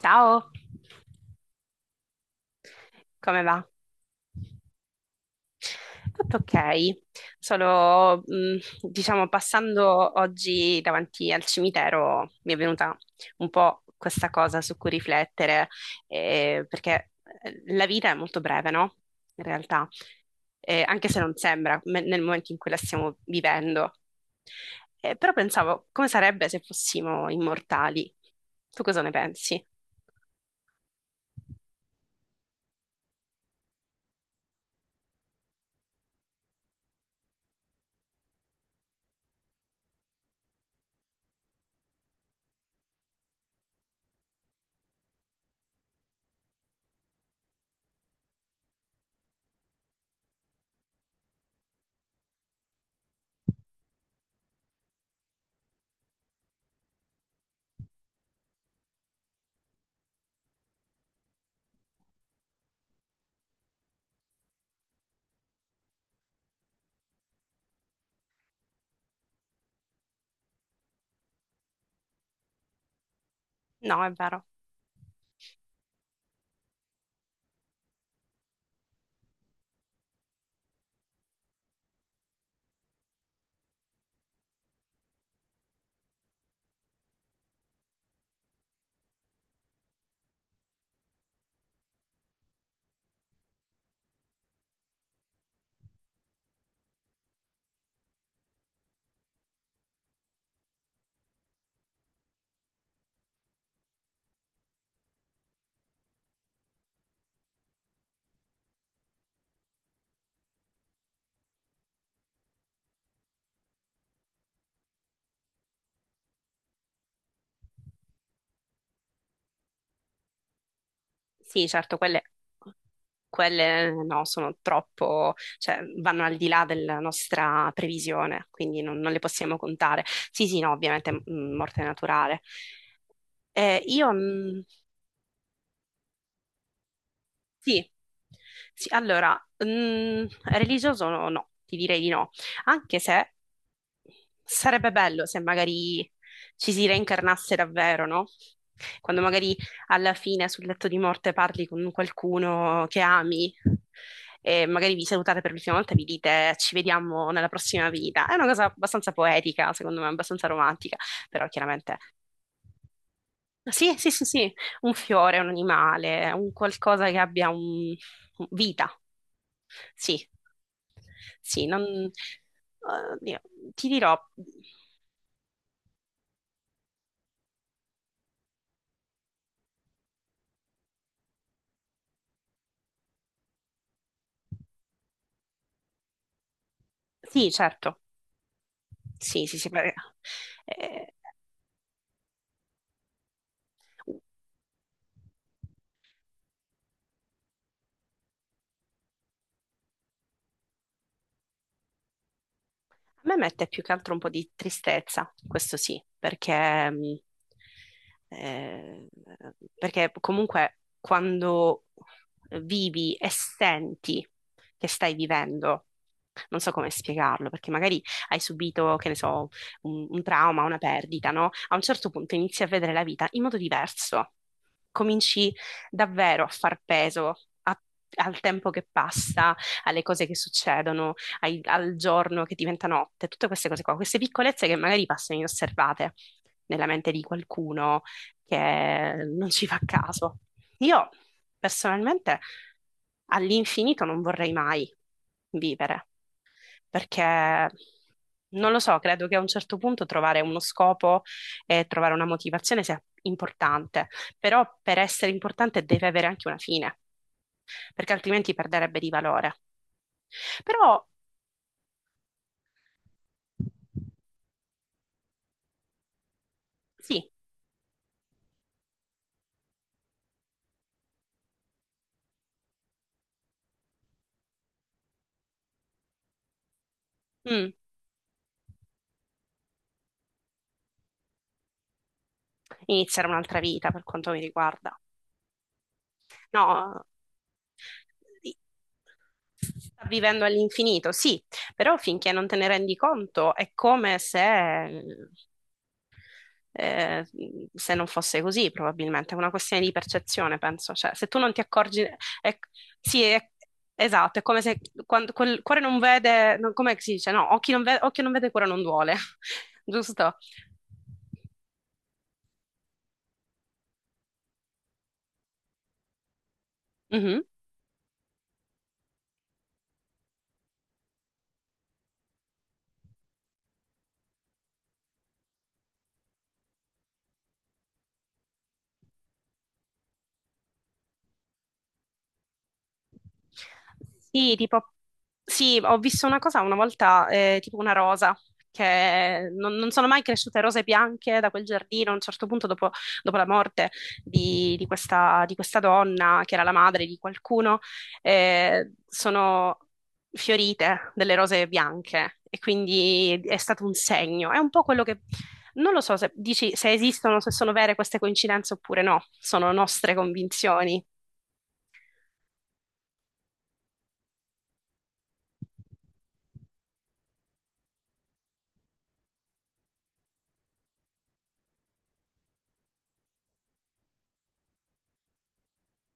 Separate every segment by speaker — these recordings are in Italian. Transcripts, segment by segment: Speaker 1: Ciao, come va? Tutto ok, solo diciamo passando oggi davanti al cimitero mi è venuta un po' questa cosa su cui riflettere, perché la vita è molto breve, no? In realtà, anche se non sembra nel momento in cui la stiamo vivendo. Però pensavo, come sarebbe se fossimo immortali? Tu cosa ne pensi? No, è vero. Sì, certo, quelle, quelle no, sono troppo, cioè vanno al di là della nostra previsione, quindi non, non le possiamo contare. Sì, sì, no, ovviamente morte naturale. Io Sì, sì, allora, religioso no, no, ti direi di no, anche se sarebbe bello se magari ci si reincarnasse davvero, no? Quando magari alla fine sul letto di morte parli con qualcuno che ami e magari vi salutate per l'ultima volta e vi dite ci vediamo nella prossima vita. È una cosa abbastanza poetica, secondo me, abbastanza romantica, però chiaramente... Sì, sì, sì, sì, un fiore, un animale, un qualcosa che abbia un vita. Sì, sì, non... oddio, ti dirò, sì, certo, sì, sì, sì, beh, eh, a me mette più che altro un po' di tristezza, questo sì, perché, eh, perché comunque quando vivi e senti che stai vivendo, non so come spiegarlo, perché magari hai subito, che ne so, un trauma, una perdita, no? A un certo punto inizi a vedere la vita in modo diverso, cominci davvero a far peso a- al tempo che passa, alle cose che succedono, al giorno che diventa notte, tutte queste cose qua, queste piccolezze che magari passano inosservate nella mente di qualcuno che non ci fa caso. Io personalmente all'infinito non vorrei mai vivere, perché non lo so, credo che a un certo punto trovare uno scopo e trovare una motivazione sia importante, però per essere importante deve avere anche una fine, perché altrimenti perderebbe di valore. Però sì, mm, iniziare un'altra vita per quanto mi riguarda. No, sta vivendo all'infinito, sì, però finché non te ne rendi conto è come se, eh, se non fosse così, probabilmente. È una questione di percezione, penso. Cioè, se tu non ti accorgi, è- sì, esatto, è come se quando quel cuore non vede, no, come si dice? No, occhio non vede, cuore non duole, giusto? Mhm. Sì, tipo, sì, ho visto una cosa una volta, tipo una rosa, che non sono mai cresciute rose bianche da quel giardino. A un certo punto, dopo, dopo la morte di questa donna, che era la madre di qualcuno, sono fiorite delle rose bianche e quindi è stato un segno. È un po' quello che... Non lo so se dici se esistono, se sono vere queste coincidenze oppure no, sono nostre convinzioni.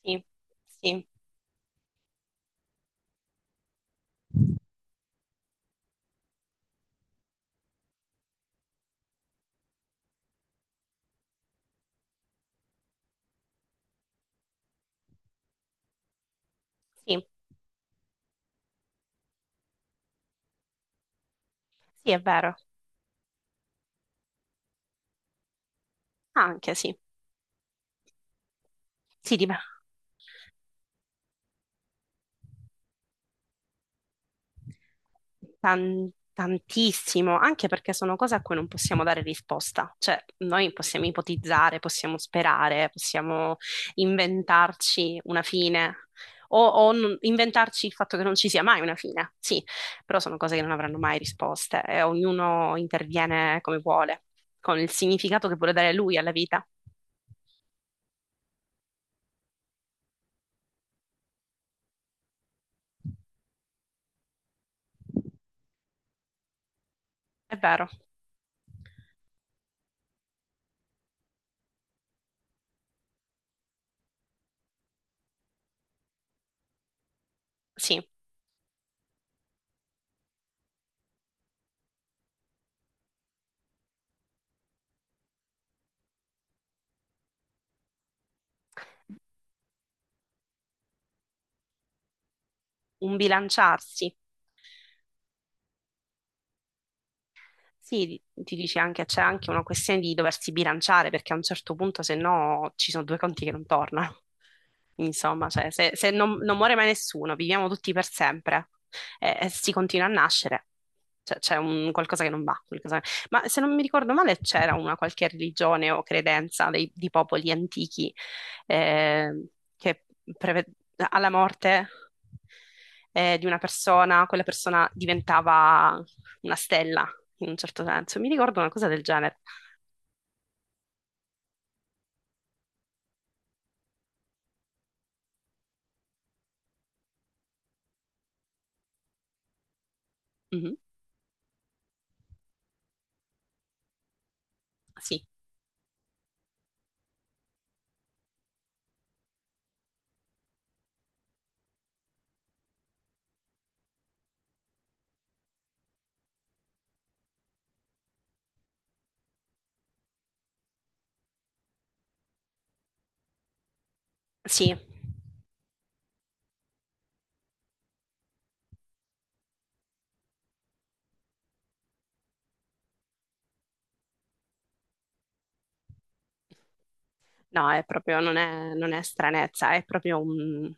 Speaker 1: Sì, sì, sì. Sì, è vero, anche sì, sì, dipende tantissimo, anche perché sono cose a cui non possiamo dare risposta, cioè noi possiamo ipotizzare, possiamo sperare, possiamo inventarci una fine o, inventarci il fatto che non ci sia mai una fine, sì, però sono cose che non avranno mai risposte e ognuno interviene come vuole, con il significato che vuole dare lui alla vita. È vero, sì, un bilanciarsi. Sì, ti dice anche, c'è anche una questione di doversi bilanciare, perché a un certo punto, se no, ci sono due conti che non tornano. Insomma, cioè, se, se non, non muore mai nessuno, viviamo tutti per sempre e si continua a nascere. Cioè, c'è un qualcosa che non va. Ma se non mi ricordo male, c'era una qualche religione o credenza di popoli antichi eh, che preve- alla morte di una persona, quella persona diventava una stella, in un certo senso. Mi ricordo una cosa del genere. Mhm. Sì, sì. No, è proprio, non è, non è stranezza, è proprio un...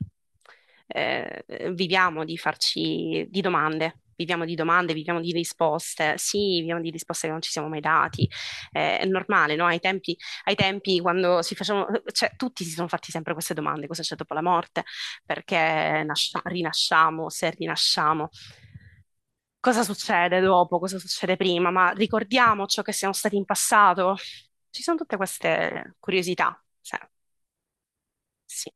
Speaker 1: eh, viviamo di farci di domande, viviamo di domande, viviamo di risposte, sì, viviamo di risposte che non ci siamo mai dati. È normale, no? Ai tempi quando si facevano, cioè tutti si sono fatti sempre queste domande, cosa c'è dopo la morte, perché rinasciamo, se rinasciamo. Cosa succede dopo? Cosa succede prima? Ma ricordiamo ciò che siamo stati in passato? Ci sono tutte queste curiosità. Sì. Sì.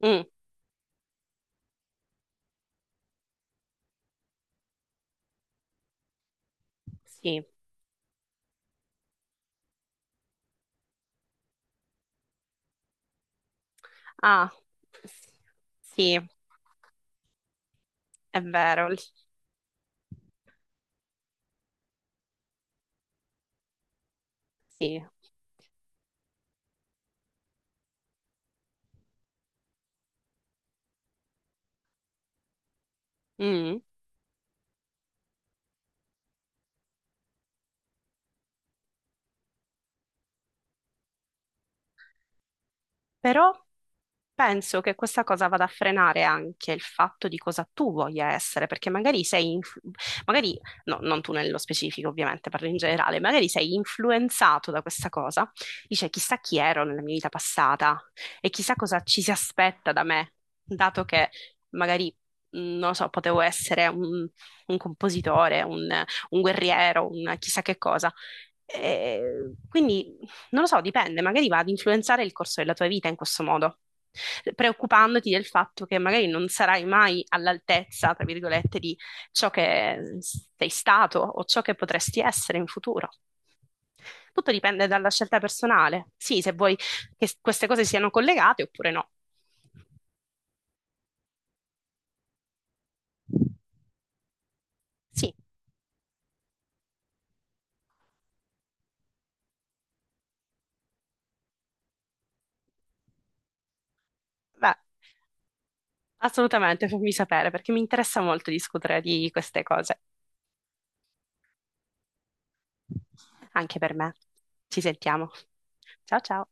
Speaker 1: Mm, sì. Ah, sì, sì. È vero. Sì. Mm. Però penso che questa cosa vada a frenare anche il fatto di cosa tu voglia essere, perché magari sei, magari, no, non tu nello specifico, ovviamente, parlo in generale, magari sei influenzato da questa cosa. Dice, chissà chi ero nella mia vita passata e chissà cosa ci si aspetta da me, dato che magari, non lo so, potevo essere un compositore, un guerriero, un chissà che cosa. E quindi non lo so, dipende, magari va ad influenzare il corso della tua vita in questo modo, preoccupandoti del fatto che magari non sarai mai all'altezza, tra virgolette, di ciò che sei stato o ciò che potresti essere in futuro. Tutto dipende dalla scelta personale. Sì, se vuoi che queste cose siano collegate oppure no. Sì, beh, assolutamente, fammi sapere perché mi interessa molto discutere di queste cose. Anche per me. Ci sentiamo. Ciao ciao.